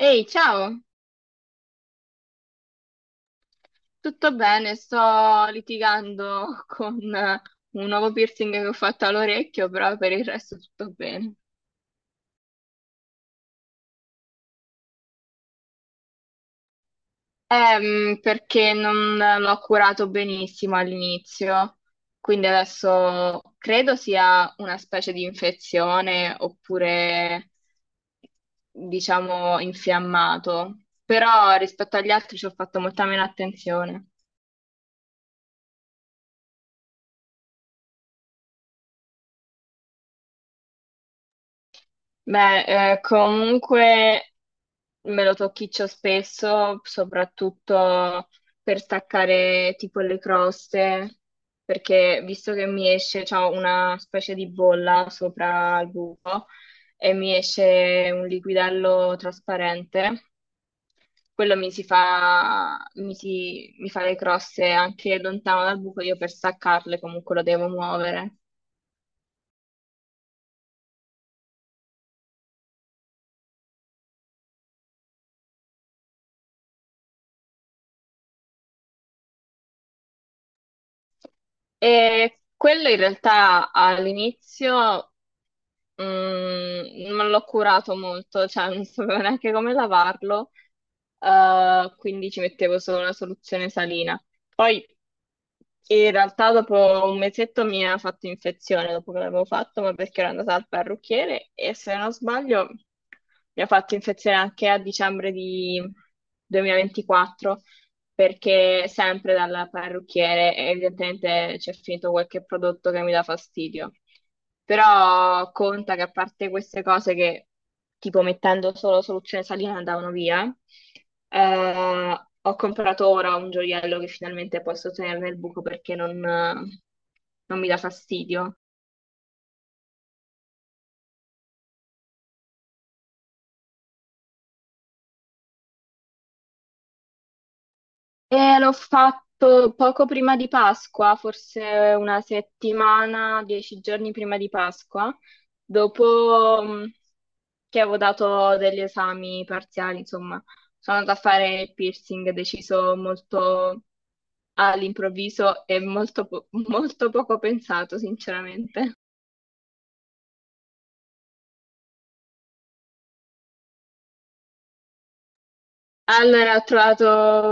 Ehi, ciao, tutto bene? Sto litigando con un nuovo piercing che ho fatto all'orecchio, però per il resto tutto bene. Perché non l'ho curato benissimo all'inizio, quindi adesso credo sia una specie di infezione oppure, diciamo, infiammato, però rispetto agli altri ci ho fatto molta meno attenzione. Beh, comunque, me lo tocchiccio spesso, soprattutto per staccare tipo le croste, perché visto che mi esce, c'ho una specie di bolla sopra il buco e mi esce un liquidello trasparente, quello mi si fa, mi fa le croste anche lontano dal buco, io per staccarle comunque lo devo muovere. E quello in realtà all'inizio non l'ho curato molto, cioè non sapevo neanche come lavarlo, quindi ci mettevo solo una soluzione salina. Poi in realtà dopo un mesetto mi ha fatto infezione dopo che l'avevo fatto, ma perché ero andata al parrucchiere e se non sbaglio mi ha fatto infezione anche a dicembre di 2024, perché sempre dal parrucchiere evidentemente c'è finito qualche prodotto che mi dà fastidio. Però conta che a parte queste cose che tipo mettendo solo soluzione salina andavano via, ho comprato ora un gioiello che finalmente posso tenere nel buco perché non mi dà fastidio. E l'ho fatto poco prima di Pasqua, forse una settimana, 10 giorni prima di Pasqua, dopo che avevo dato degli esami parziali, insomma, sono andata a fare il piercing, deciso molto all'improvviso e molto, molto poco pensato, sinceramente. Allora, ho trovato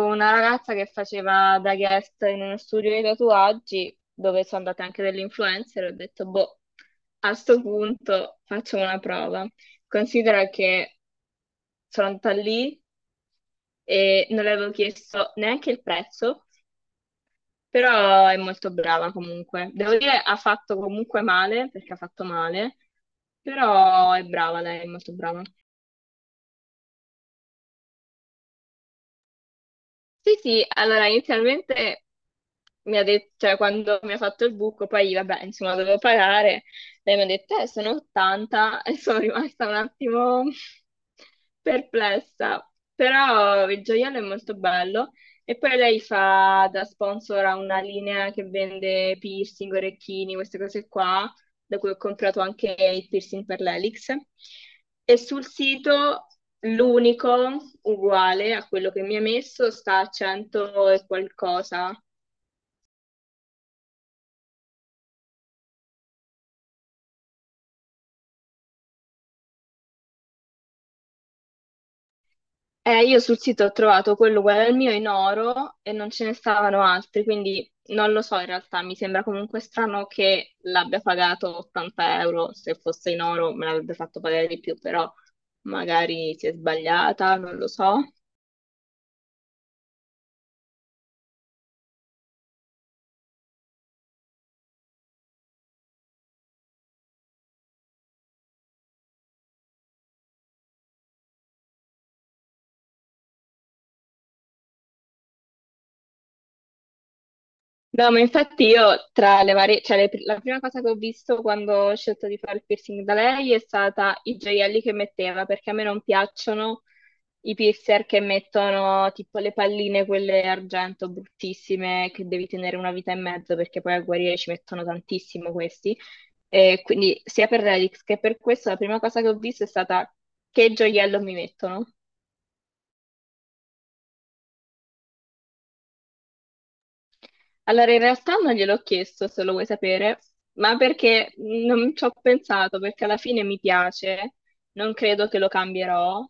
una ragazza che faceva da guest in uno studio di tatuaggi dove sono andate anche delle influencer e ho detto, boh, a sto punto faccio una prova. Considera che sono andata lì e non le avevo chiesto neanche il prezzo, però è molto brava comunque. Devo dire, ha fatto comunque male, perché ha fatto male, però è brava lei, è molto brava. Sì, sì, allora inizialmente mi ha detto, cioè quando mi ha fatto il buco, poi vabbè, insomma, dovevo pagare, lei mi ha detto, sono 80 e sono rimasta un attimo perplessa, però il gioiello è molto bello e poi lei fa da sponsor a una linea che vende piercing, orecchini, queste cose qua, da cui ho comprato anche il piercing per l'elix. E sul sito l'unico uguale a quello che mi ha messo sta a 100 e qualcosa. Io sul sito ho trovato quello uguale al mio in oro e non ce ne stavano altri, quindi non lo so in realtà, mi sembra comunque strano che l'abbia pagato 80 euro; se fosse in oro me l'avrebbe fatto pagare di più, però magari si è sbagliata, non lo so. No, ma infatti io tra le varie, cioè la prima cosa che ho visto quando ho scelto di fare il piercing da lei è stata i gioielli che metteva, perché a me non piacciono i piercer che mettono tipo le palline, quelle argento bruttissime, che devi tenere una vita e mezzo, perché poi a guarire ci mettono tantissimo questi. E quindi sia per Relix che per questo la prima cosa che ho visto è stata che gioiello mi mettono. Allora, in realtà non gliel'ho chiesto, se lo vuoi sapere, ma perché non ci ho pensato, perché alla fine mi piace, non credo che lo cambierò,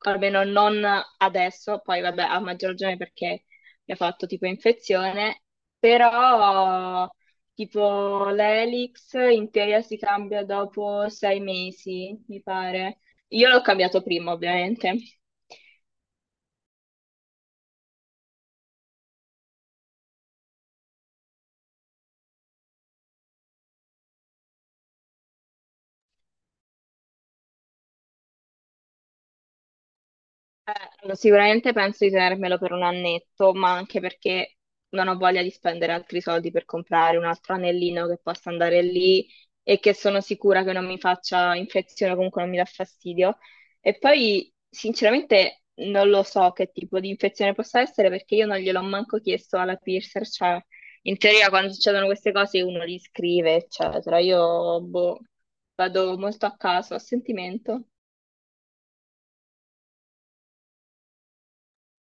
almeno non adesso, poi vabbè, a maggior ragione perché mi ha fatto tipo infezione, però tipo l'elix in teoria si cambia dopo 6 mesi, mi pare. Io l'ho cambiato prima, ovviamente. Eh, allora, sicuramente penso di tenermelo per un annetto, ma anche perché non ho voglia di spendere altri soldi per comprare un altro anellino che possa andare lì e che sono sicura che non mi faccia infezione o comunque non mi dà fastidio. E poi, sinceramente, non lo so che tipo di infezione possa essere perché io non gliel'ho manco chiesto alla piercer, cioè in teoria quando succedono queste cose uno li scrive, eccetera. Io, boh, vado molto a caso, a sentimento.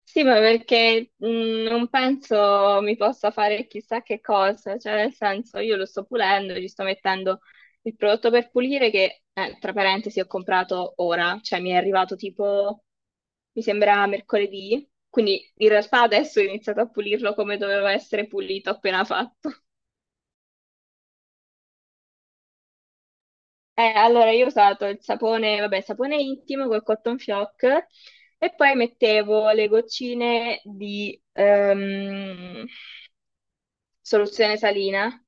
Sì, ma perché non penso mi possa fare chissà che cosa, cioè nel senso io lo sto pulendo, gli sto mettendo il prodotto per pulire che, tra parentesi, ho comprato ora, cioè mi è arrivato tipo, mi sembra mercoledì, quindi in realtà adesso ho iniziato a pulirlo come doveva essere pulito appena fatto. Allora io ho usato il sapone, vabbè, il sapone intimo col cotton fioc, e poi mettevo le goccine di, soluzione salina.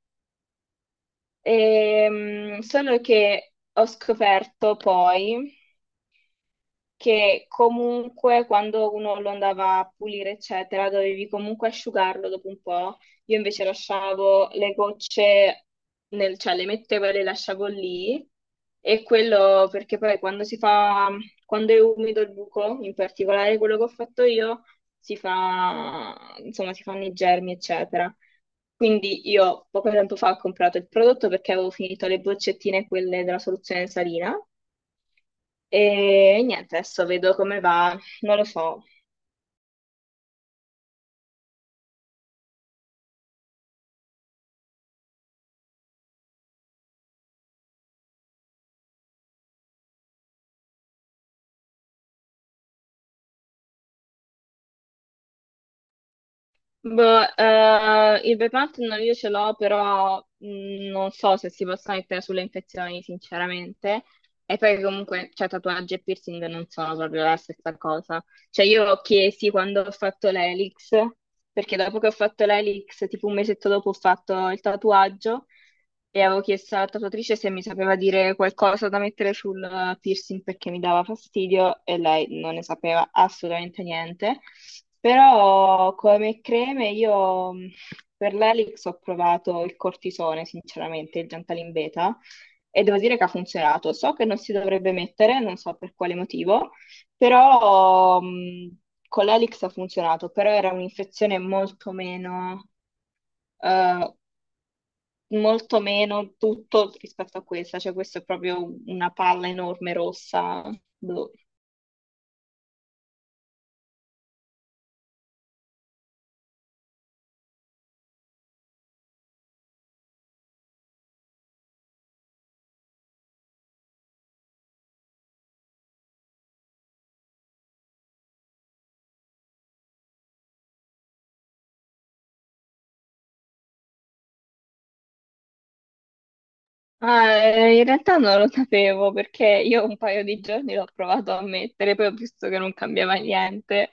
Solo che ho scoperto poi che comunque quando uno lo andava a pulire, eccetera, dovevi comunque asciugarlo dopo un po'. Io invece lasciavo le gocce nel, cioè le mettevo e le lasciavo lì. E quello perché poi quando si fa, quando è umido il buco, in particolare quello che ho fatto io, si fa, insomma, si fanno i germi, eccetera. Quindi io poco tempo fa ho comprato il prodotto perché avevo finito le boccettine, quelle della soluzione salina, e niente, adesso vedo come va, non lo so. Boh, il Bepanthen io ce l'ho, però non so se si possa mettere sulle infezioni, sinceramente. E poi comunque, cioè, tatuaggi e piercing non sono proprio la stessa cosa. Cioè io chiesi quando ho fatto l'elix, perché dopo che ho fatto l'elix, tipo un mesetto dopo ho fatto il tatuaggio, e avevo chiesto alla tatuatrice se mi sapeva dire qualcosa da mettere sul piercing perché mi dava fastidio, e lei non ne sapeva assolutamente niente. Però come creme io per l'elix ho provato il cortisone, sinceramente, il Gentalin Beta, e devo dire che ha funzionato. So che non si dovrebbe mettere, non so per quale motivo, però con l'Elix ha funzionato, però era un'infezione eh, molto meno tutto rispetto a questa, cioè questa è proprio una palla enorme rossa. Blu. Ah, in realtà non lo sapevo, perché io un paio di giorni l'ho provato a mettere, poi ho visto che non cambiava niente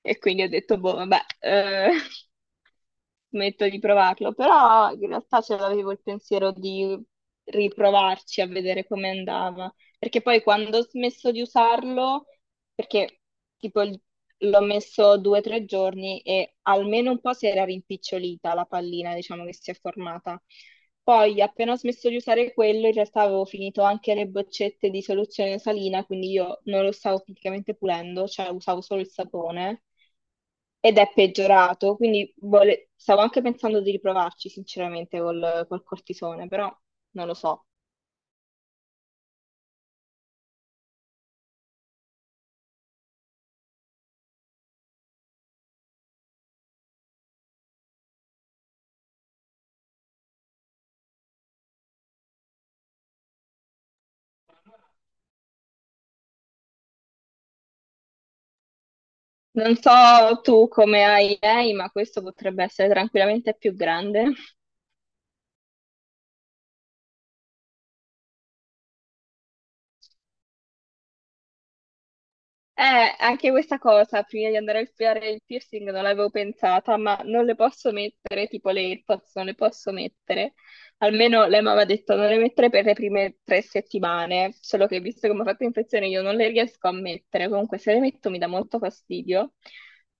e quindi ho detto, boh, vabbè, smetto di provarlo, però in realtà ce l'avevo il pensiero di riprovarci a vedere come andava. Perché poi quando ho smesso di usarlo, perché tipo l'ho messo 2 o 3 giorni e almeno un po' si era rimpicciolita la pallina, diciamo, che si è formata. Poi, appena ho smesso di usare quello, in realtà avevo finito anche le boccette di soluzione salina, quindi io non lo stavo praticamente pulendo, cioè usavo solo il sapone, ed è peggiorato, quindi stavo anche pensando di riprovarci sinceramente col cortisone, però non lo so. Non so tu come hai idee, ma questo potrebbe essere tranquillamente più grande. Anche questa cosa, prima di andare a fare il piercing non l'avevo pensata, ma non le posso mettere, tipo le AirPods non le posso mettere. Almeno lei mi aveva detto non le mettere per le prime 3 settimane, solo che visto che mi ha fatto infezione io non le riesco a mettere, comunque se le metto mi dà molto fastidio,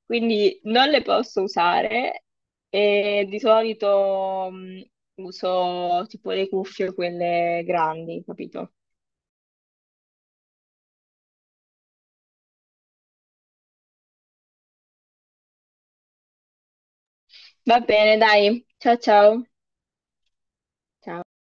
quindi non le posso usare e di solito uso tipo le cuffie quelle grandi, capito? Va bene, dai, ciao ciao.